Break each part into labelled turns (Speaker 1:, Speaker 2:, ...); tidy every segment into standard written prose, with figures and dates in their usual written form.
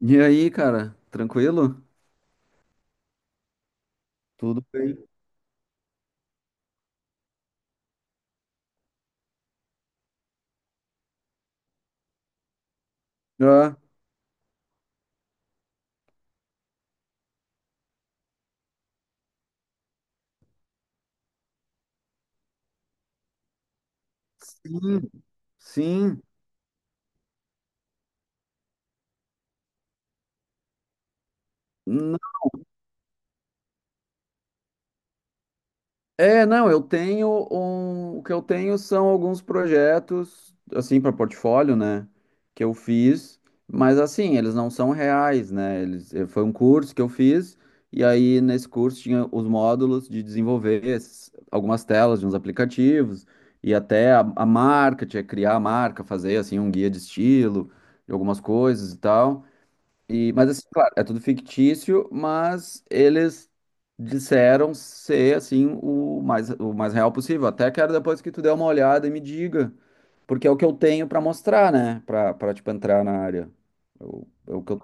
Speaker 1: E aí, cara, tranquilo? Tudo bem? Ah, sim, sim. Não- É, não, eu tenho o que eu tenho são alguns projetos assim para portfólio, né, que eu fiz, mas assim, eles não são reais, né? Eles foi um curso que eu fiz e aí nesse curso tinha os módulos de desenvolver algumas telas de uns aplicativos e até a marca, tinha que criar a marca, fazer assim um guia de estilo, de algumas coisas e tal. E, mas assim, claro, é tudo fictício, mas eles disseram ser assim o mais real possível. Até quero depois que tu dê uma olhada e me diga, porque é o que eu tenho pra mostrar, né? Pra tipo entrar na área. É o que eu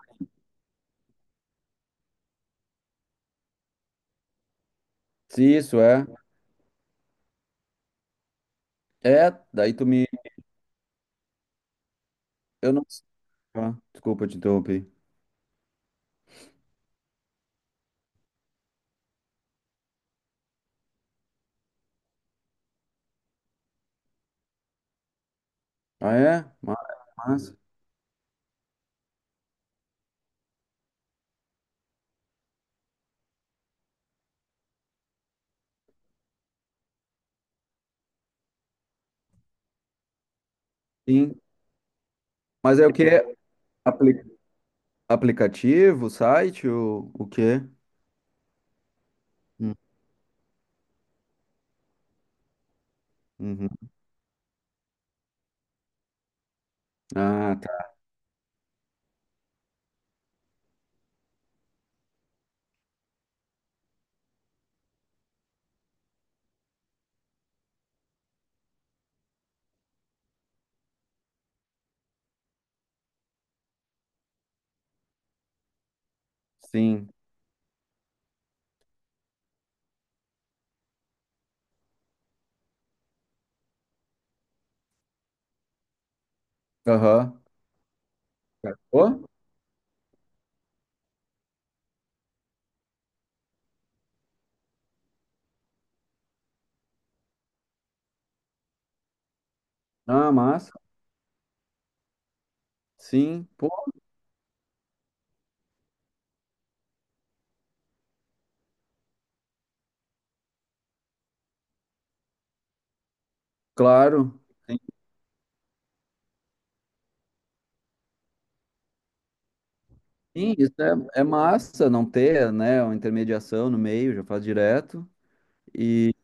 Speaker 1: se isso é. É, daí tu me eu não sei. Ah, desculpa te interromper. Ah, é? Mas- sim. Mas é o quê? Apli- aplicativo, site, o quê? Hum, uhum. Ah, tá. Sim. Aham. Pô, não é massa? Sim, pô, claro. Sim, sim, isso é, é massa, não ter, né, uma intermediação no meio, já faz direto. E,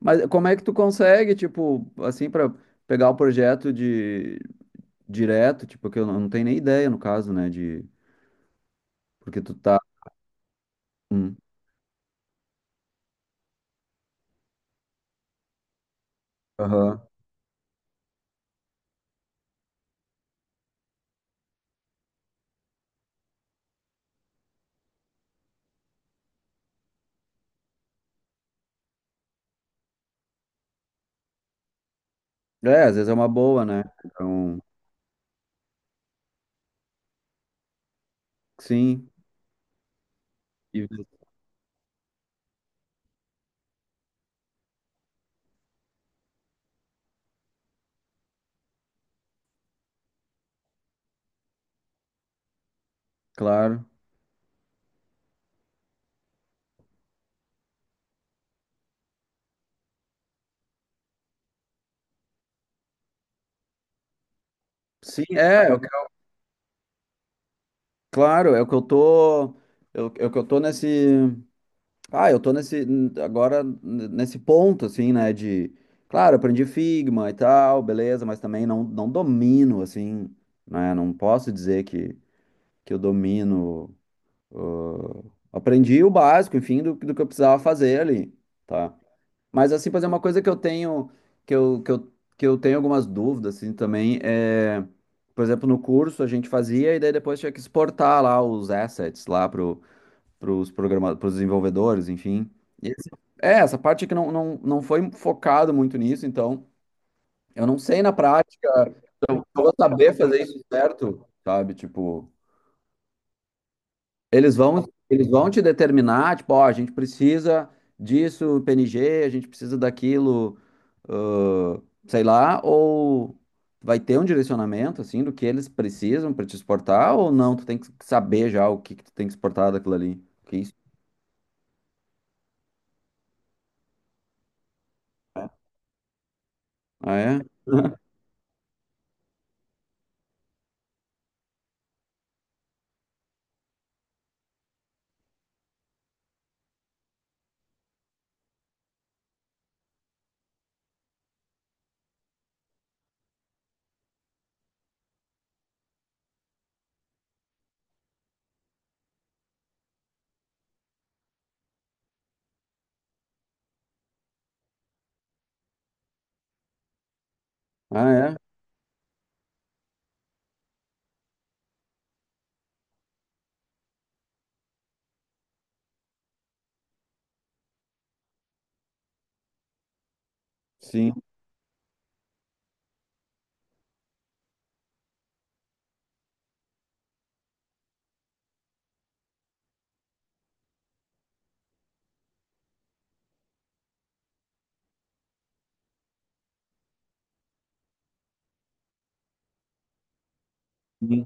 Speaker 1: mas como é que tu consegue, tipo, assim, para pegar o projeto de direto, tipo, que eu não, não tenho nem ideia no caso, né, de porque tu tá. Hum, aham. É, às vezes é uma boa, né? Então, sim, e- claro. Sim, é o claro, é o que eu tô, é o que eu tô nesse. Ah, eu tô nesse agora nesse ponto assim, né, de claro, aprendi Figma e tal, beleza, mas também não, não domino assim, né? Não posso dizer que eu domino aprendi o básico, enfim, do que eu precisava fazer ali, tá? Mas assim, fazer uma coisa que eu tenho que eu, que eu, que eu tenho algumas dúvidas assim também é, por exemplo, no curso a gente fazia e daí depois tinha que exportar lá os assets lá para os programadores, para os desenvolvedores, enfim. E esse- É, essa parte que não foi focado muito nisso, então eu não sei na prática se eu vou saber fazer isso certo, sabe? Tipo, eles vão te determinar, tipo, ó, a gente precisa disso, PNG, a gente precisa daquilo, ãh, sei lá, ou vai ter um direcionamento, assim, do que eles precisam para te exportar, ou não, tu tem que saber já que tu tem que exportar daquilo ali. Que isso? Ah, é? Ah, é? Sim. Sim.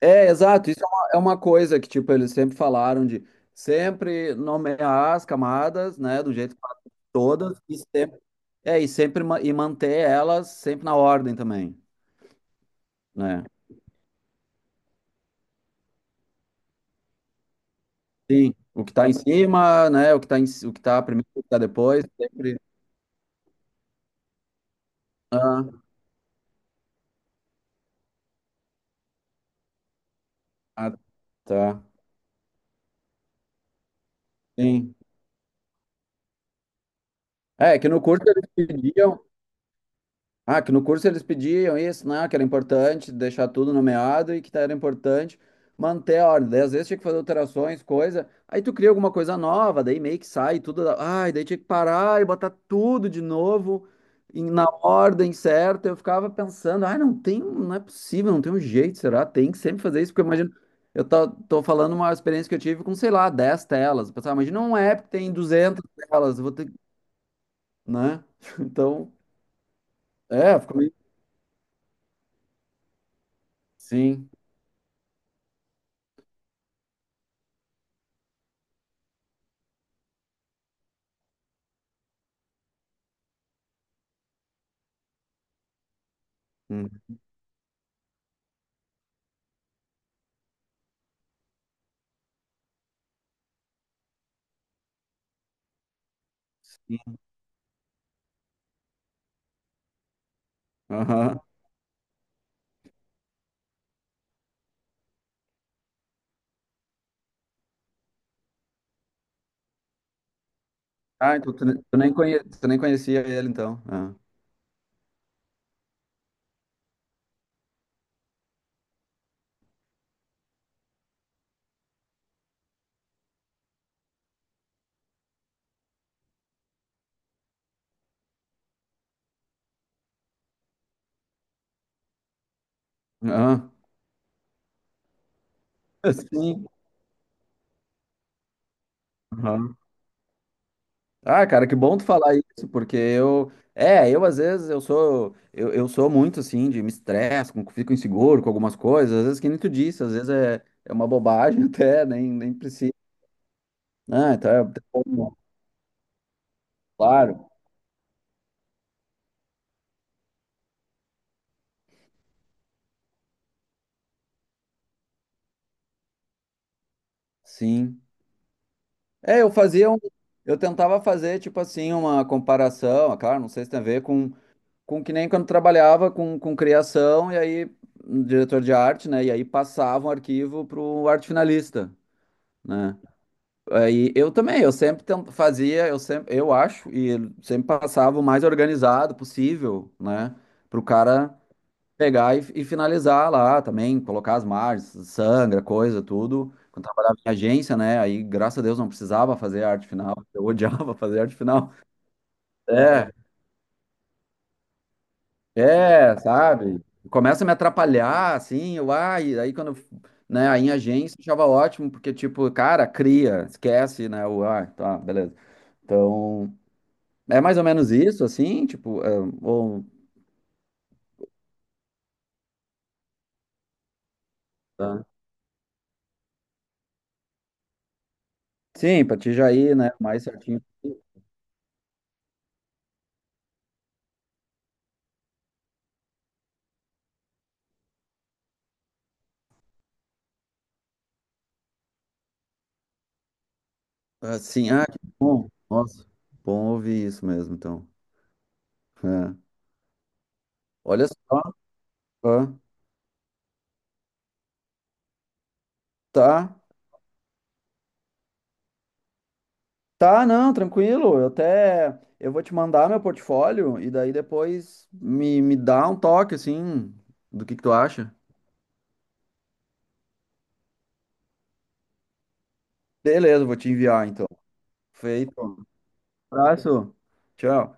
Speaker 1: É, exato. Isso é uma coisa que, tipo, eles sempre falaram de sempre nomear as camadas, né, do jeito que fazem todas e sempre, é, e sempre e manter elas sempre na ordem também, né? Sim. O que tá em cima, né? O que tá o que tá primeiro, o que tá depois, sempre. Ah, ah, tá. Sim. É, que no curso eles pediam. Ah, que no curso eles pediam isso, né? Que era importante deixar tudo nomeado e que tá, era importante manter a ordem. Daí às vezes tinha que fazer alterações, coisa. Aí tu cria alguma coisa nova, daí meio que sai tudo. Ai, daí tinha que parar e botar tudo de novo na ordem certa. Eu ficava pensando, ai, não tem, não é possível, não tem um jeito, será? Tem que sempre fazer isso, porque eu imagino. Tô falando uma experiência que eu tive com, sei lá, 10 telas. Eu pensava, imagina um app que tem duzentas telas, eu vou ter, que-" né? Então, é, ficou meio. Sim. Uhum. Aham. Ah, então tu, tu nem tu nem conhecia ele, então. Ah. Aham. Sim. Aham. Ah, cara, que bom tu falar isso, porque eu. É, eu às vezes eu sou. Eu sou muito assim, de me estresse, fico inseguro com algumas coisas. Às vezes, que nem tu disse, às vezes é, é uma bobagem até, nem, nem precisa. Ah, então é. Bom, claro, sim. É, eu fazia um. Eu tentava fazer, tipo assim, uma comparação, ah, claro, não sei se tem a ver com. Com que nem quando trabalhava com criação, e aí, um diretor de arte, né? E aí passava um arquivo para o arte finalista, né? Aí eu também, eu sempre fazia, eu sempre, eu acho, e sempre passava o mais organizado possível, né? Para o cara pegar e finalizar lá também, colocar as margens, sangra, coisa, tudo. Quando trabalhava em agência, né? Aí, graças a Deus, não precisava fazer arte final. Eu odiava fazer arte final. É, é, sabe? Começa a me atrapalhar, assim, eu, ai, aí quando, né, aí em agência eu achava ótimo, porque, tipo, cara, cria, esquece, né, o, ah, tá, beleza. Então, é mais ou menos isso, assim, tipo, é, ou, tá. Sim, pra ti já ir, né, mais certinho. Assim, ah, que bom, nossa, bom ouvir isso mesmo, então. É. Olha só, ah, tá. Tá, não, tranquilo. Eu até eu vou te mandar meu portfólio e daí depois me dá um toque assim do que tu acha. Beleza, vou te enviar então. Feito. Abraço. Tchau.